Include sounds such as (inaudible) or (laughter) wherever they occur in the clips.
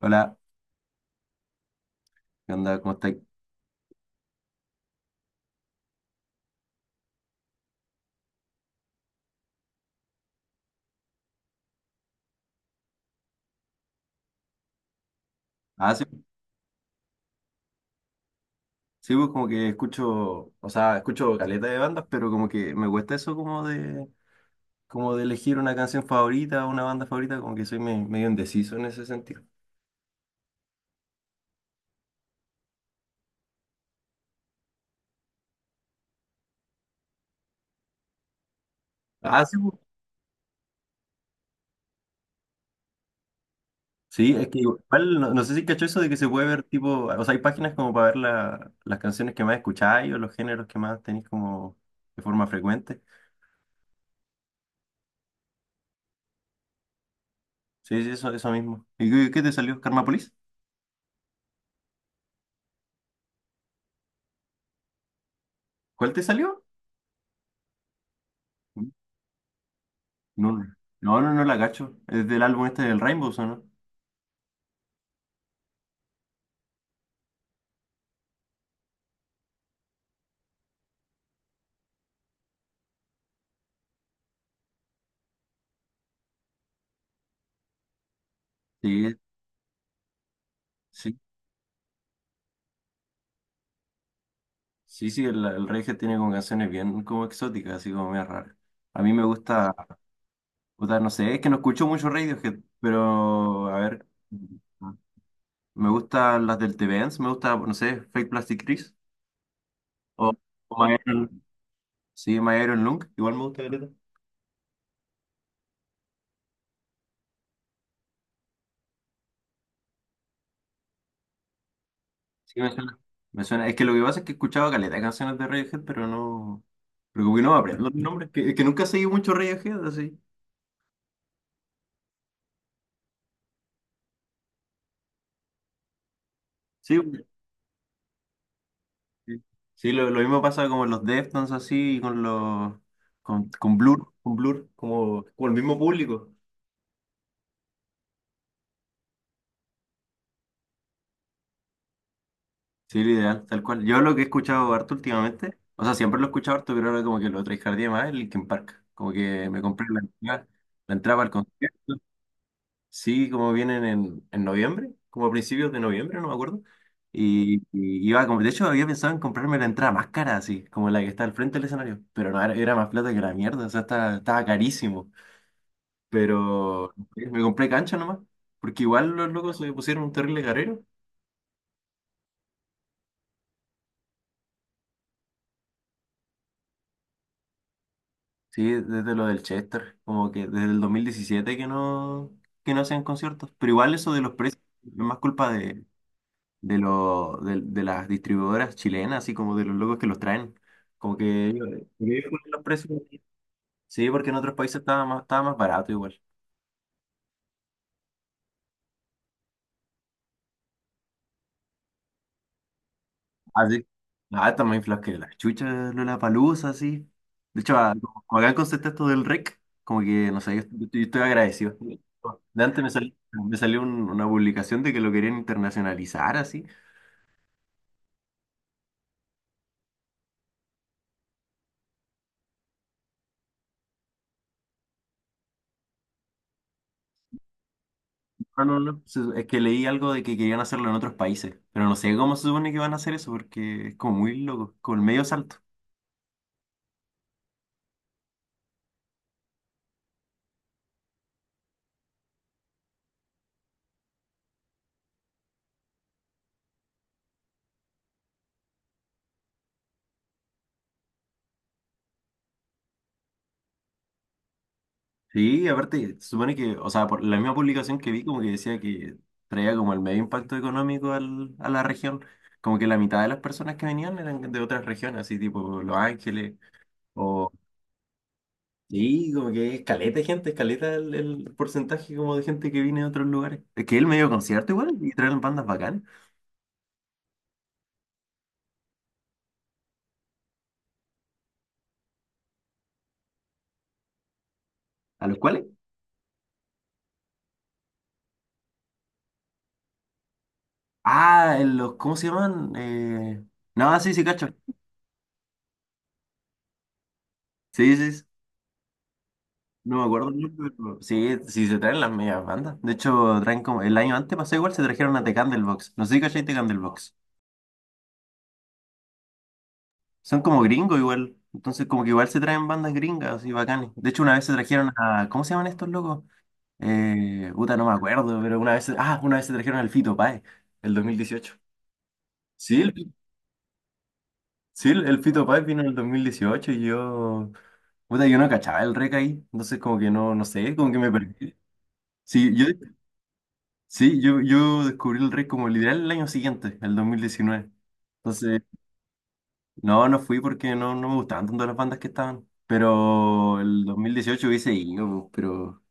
Hola, ¿qué onda? ¿Cómo estáis? Ah, sí, sí, pues como que escucho, o sea, escucho caleta de bandas, pero como que me cuesta eso como de elegir una canción favorita, una banda favorita, como que soy medio indeciso en ese sentido. Ah, sí, pues. Sí, es que igual, no, no sé si cacho eso de que se puede ver tipo, o sea, hay páginas como para ver las canciones que más escucháis o los géneros que más tenéis como de forma frecuente. Sí, sí, eso mismo. ¿Y qué te salió? ¿Karmapolis? ¿Cuál te salió? No, no, no, no la cacho. Es del álbum este del Rainbows, ¿o no? Sí, sí, sí, sí, el reggae tiene como canciones bien como exóticas, así como medio raras. A mí me gusta, puta, no sé, es que no escucho mucho Radiohead, pero a ver, me gustan las del TVNs, me gusta, no sé, Fake Plastic Trees o, o My Iron, sí, My Iron Lung, igual me gusta caleta. Sí, me suena, me suena. Es que lo que pasa es que he escuchado caleta de canciones de Radiohead, pero no, pero como que no me aprendo los nombres, que, es que nunca he seguido mucho Radiohead, así. Sí, sí, sí, lo mismo pasa con los Deftones así, y con los con Blur, con Blur, como, como el mismo público. Sí, lo ideal, tal cual. Yo lo que he escuchado harto últimamente, o sea, siempre lo he escuchado harto, pero ahora como que lo trajeardía más el Linkin Park. Como que me compré la entrada para el concierto. Sí, como vienen en noviembre, como a principios de noviembre, no me acuerdo. Y iba como, de hecho había pensado en comprarme la entrada más cara, así, como la que está al frente del escenario. Pero no, era más plata que la mierda, o sea, estaba carísimo. Pero me compré cancha nomás, porque igual los locos se pusieron un terrible carrero. Sí, desde lo del Chester, como que desde el 2017 que no hacen conciertos. Pero igual eso de los precios es más culpa de las distribuidoras chilenas, así como de los locos que los traen. Como que ellos ponen los precios. Sí, porque en otros países estaba más barato igual. Así, está más inflado que la chucha Lollapalooza, así. De hecho, como acá en concepto esto del rec, como que, no sé, yo estoy agradecido. De antes me salió una publicación de que lo querían internacionalizar, así. No, no, no, es que leí algo de que querían hacerlo en otros países, pero no sé cómo se supone que van a hacer eso, porque es como muy loco, como el medio salto. Sí, aparte, se supone que, o sea, por la misma publicación que vi, como que decía que traía como el medio impacto económico a la región. Como que la mitad de las personas que venían eran de otras regiones, así tipo Los Ángeles, o. Sí, como que es caleta de gente, es caleta el porcentaje como de gente que viene de otros lugares. Es que el medio concierto igual, y traen bandas bacanas, a los cuales. Ah, en los, ¿cómo se llaman? No, sí, sí, cacho. Sí, sí, sí. No me acuerdo mucho, pero sí, sí se traen las medias bandas. De hecho, traen como. El año antes pasó igual, se trajeron a The Candlebox. No sé si cachai The Candlebox. Son como gringos igual. Entonces, como que igual se traen bandas gringas y bacanes. De hecho, una vez se trajeron a. ¿Cómo se llaman estos locos? Puta, no me acuerdo, pero una vez. Ah, una vez se trajeron al Fito Páez, el 2018. Sí, sí, el Fito Páez vino en el 2018 y yo. Puta, yo no cachaba el rec ahí. Entonces, como que no, no sé, como que me perdí. Sí, yo Sí, yo descubrí el rey como literal el año siguiente, el 2019. Entonces, no, no fui porque no, no me gustaban tanto las bandas que estaban. Pero el 2018 hubiese ido, pero,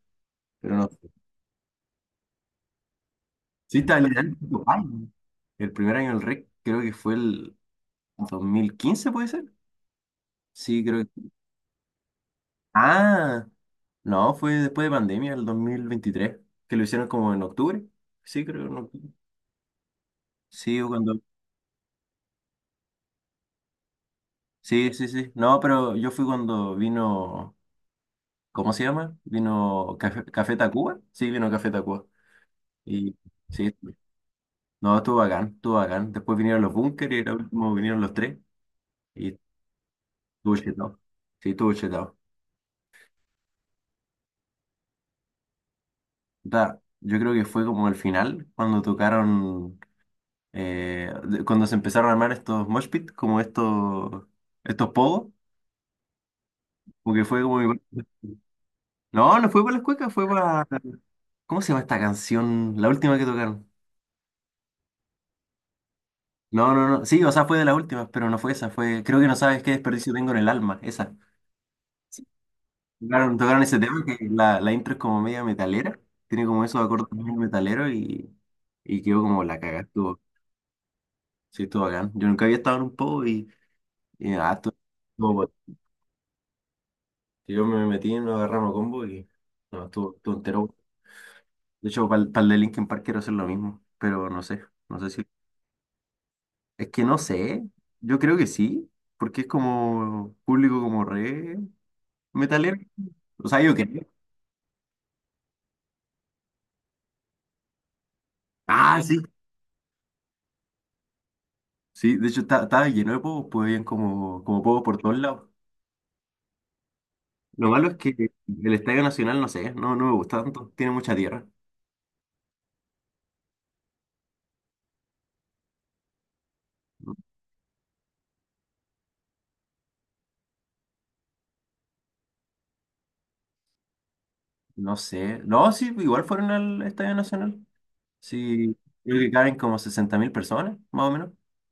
pero no. Sí, está literal. ay, El primer año del rey creo que fue el 2015, ¿puede ser? Sí, creo que. Ah, no, fue después de pandemia, el 2023 que lo hicieron como en octubre. Sí, creo que en octubre. Sí, o cuando. Sí, sí, sí. No, pero yo fui cuando vino. ¿Cómo se llama? Vino Café Tacuba. Sí, vino Café Tacuba. Y sí, no, estuvo bacán, estuvo bacán. Después vinieron los Bunkers y al último vinieron los tres. Y estuvo chetado. Sí, estuvo chetado. Da, yo creo que fue como el final, cuando tocaron, cuando se empezaron a armar estos mosh pit, como estos pogos, porque fue como. No, no fue para las cuecas, fue para. ¿Cómo se llama esta canción? La última que tocaron. No, no, no. Sí, o sea, fue de las últimas, pero no fue esa. Fue, creo que no sabes qué desperdicio tengo en el alma. Esa. Tocaron ese tema que la intro es como media metalera. Tiene como esos acordes muy metaleros y quedó como la cagada. Sí, estuvo bacán. Yo nunca había estado en un pogo y nada, estuvo bot. Yo me metí en nos agarramos a combo y no, estuvo entero. Bueno. De hecho, para el de Linkin Park quiero hacer lo mismo, pero no sé. No sé si. Es que no sé. Yo creo que sí, porque es como público como re metalero. O sea, yo qué. Ah, sí. Sí, de hecho estaba lleno de pogos, pues habían como pogos por todos lados. Lo malo es que el Estadio Nacional, no sé, no, no me gusta tanto, tiene mucha tierra. No sé. No, sí, igual fueron al Estadio Nacional. Sí, creo que caben como 60.000 personas, más o menos.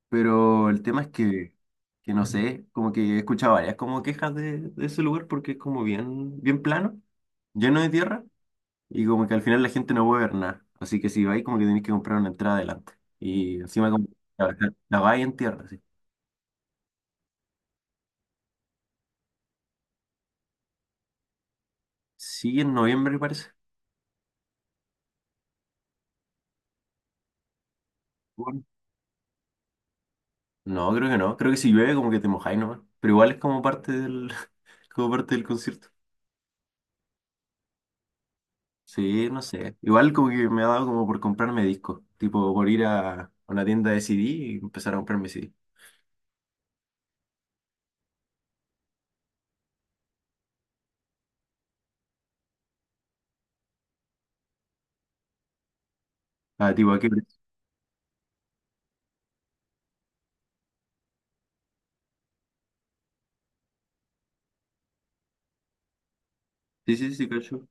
Pero el tema es que no sé, como que he escuchado varias como quejas de ese lugar porque es como bien, bien plano, lleno de tierra. Y como que al final la gente no puede ver nada. Así que si vais, como que tenéis que comprar una entrada adelante. Y encima como la, la vais en tierra, sí. Sí, en noviembre parece. Bueno, no, creo que no. Creo que si llueve como que te mojáis nomás. Pero igual es como parte del, (laughs) como parte del concierto. Sí, no sé. Igual como que me ha dado como por comprarme discos. Tipo por ir a una tienda de CD y empezar a comprarme CD. Ah, tipo, ¿a qué precio? Sí, sí, sí, cacho.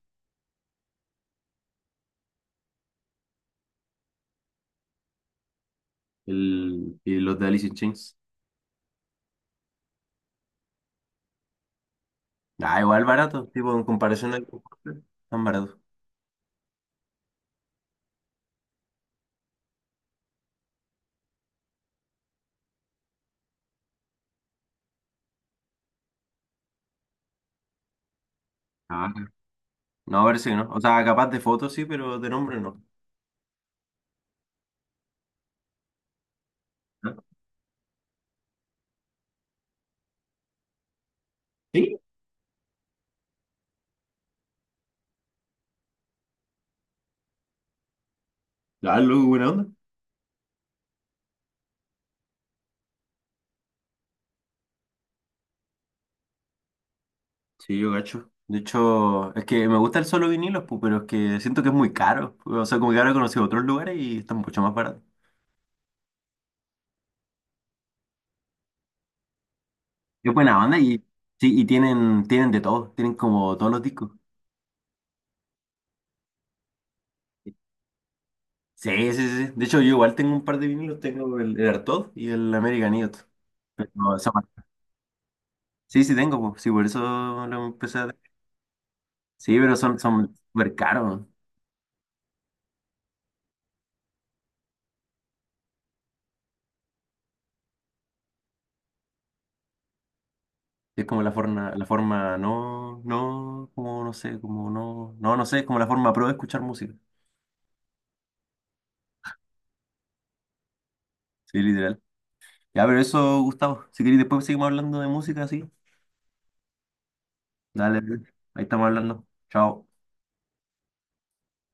Y los de Alice in Chains. Ah, igual barato. Tipo, en comparación al. Tan barato. Ah, no, parece que no. O sea, capaz de fotos sí, pero de nombre no. ¿Ah? ¿Sí? Ah, luego, buena onda. Sí, yo gacho. De hecho, es que me gusta el solo vinilos, pero es que siento que es muy caro. O sea, como que ahora he conocido otros lugares y están mucho más baratos. Es buena banda y sí, y tienen de todo, tienen como todos los discos. Sí, sí, sí, sí. De hecho, yo igual tengo un par de vinilos, tengo el Artaud y el American Idiot. Pero son- sí, sí tengo, sí, por eso lo empecé a. Sí, pero son súper caros. Es como la forma no, no, como no sé, como no, no, no sé, es como la forma pro de escuchar música. Sí, literal. Ya, pero eso, Gustavo, si queréis después seguimos hablando de música, sí. Dale, ahí estamos hablando. Chao.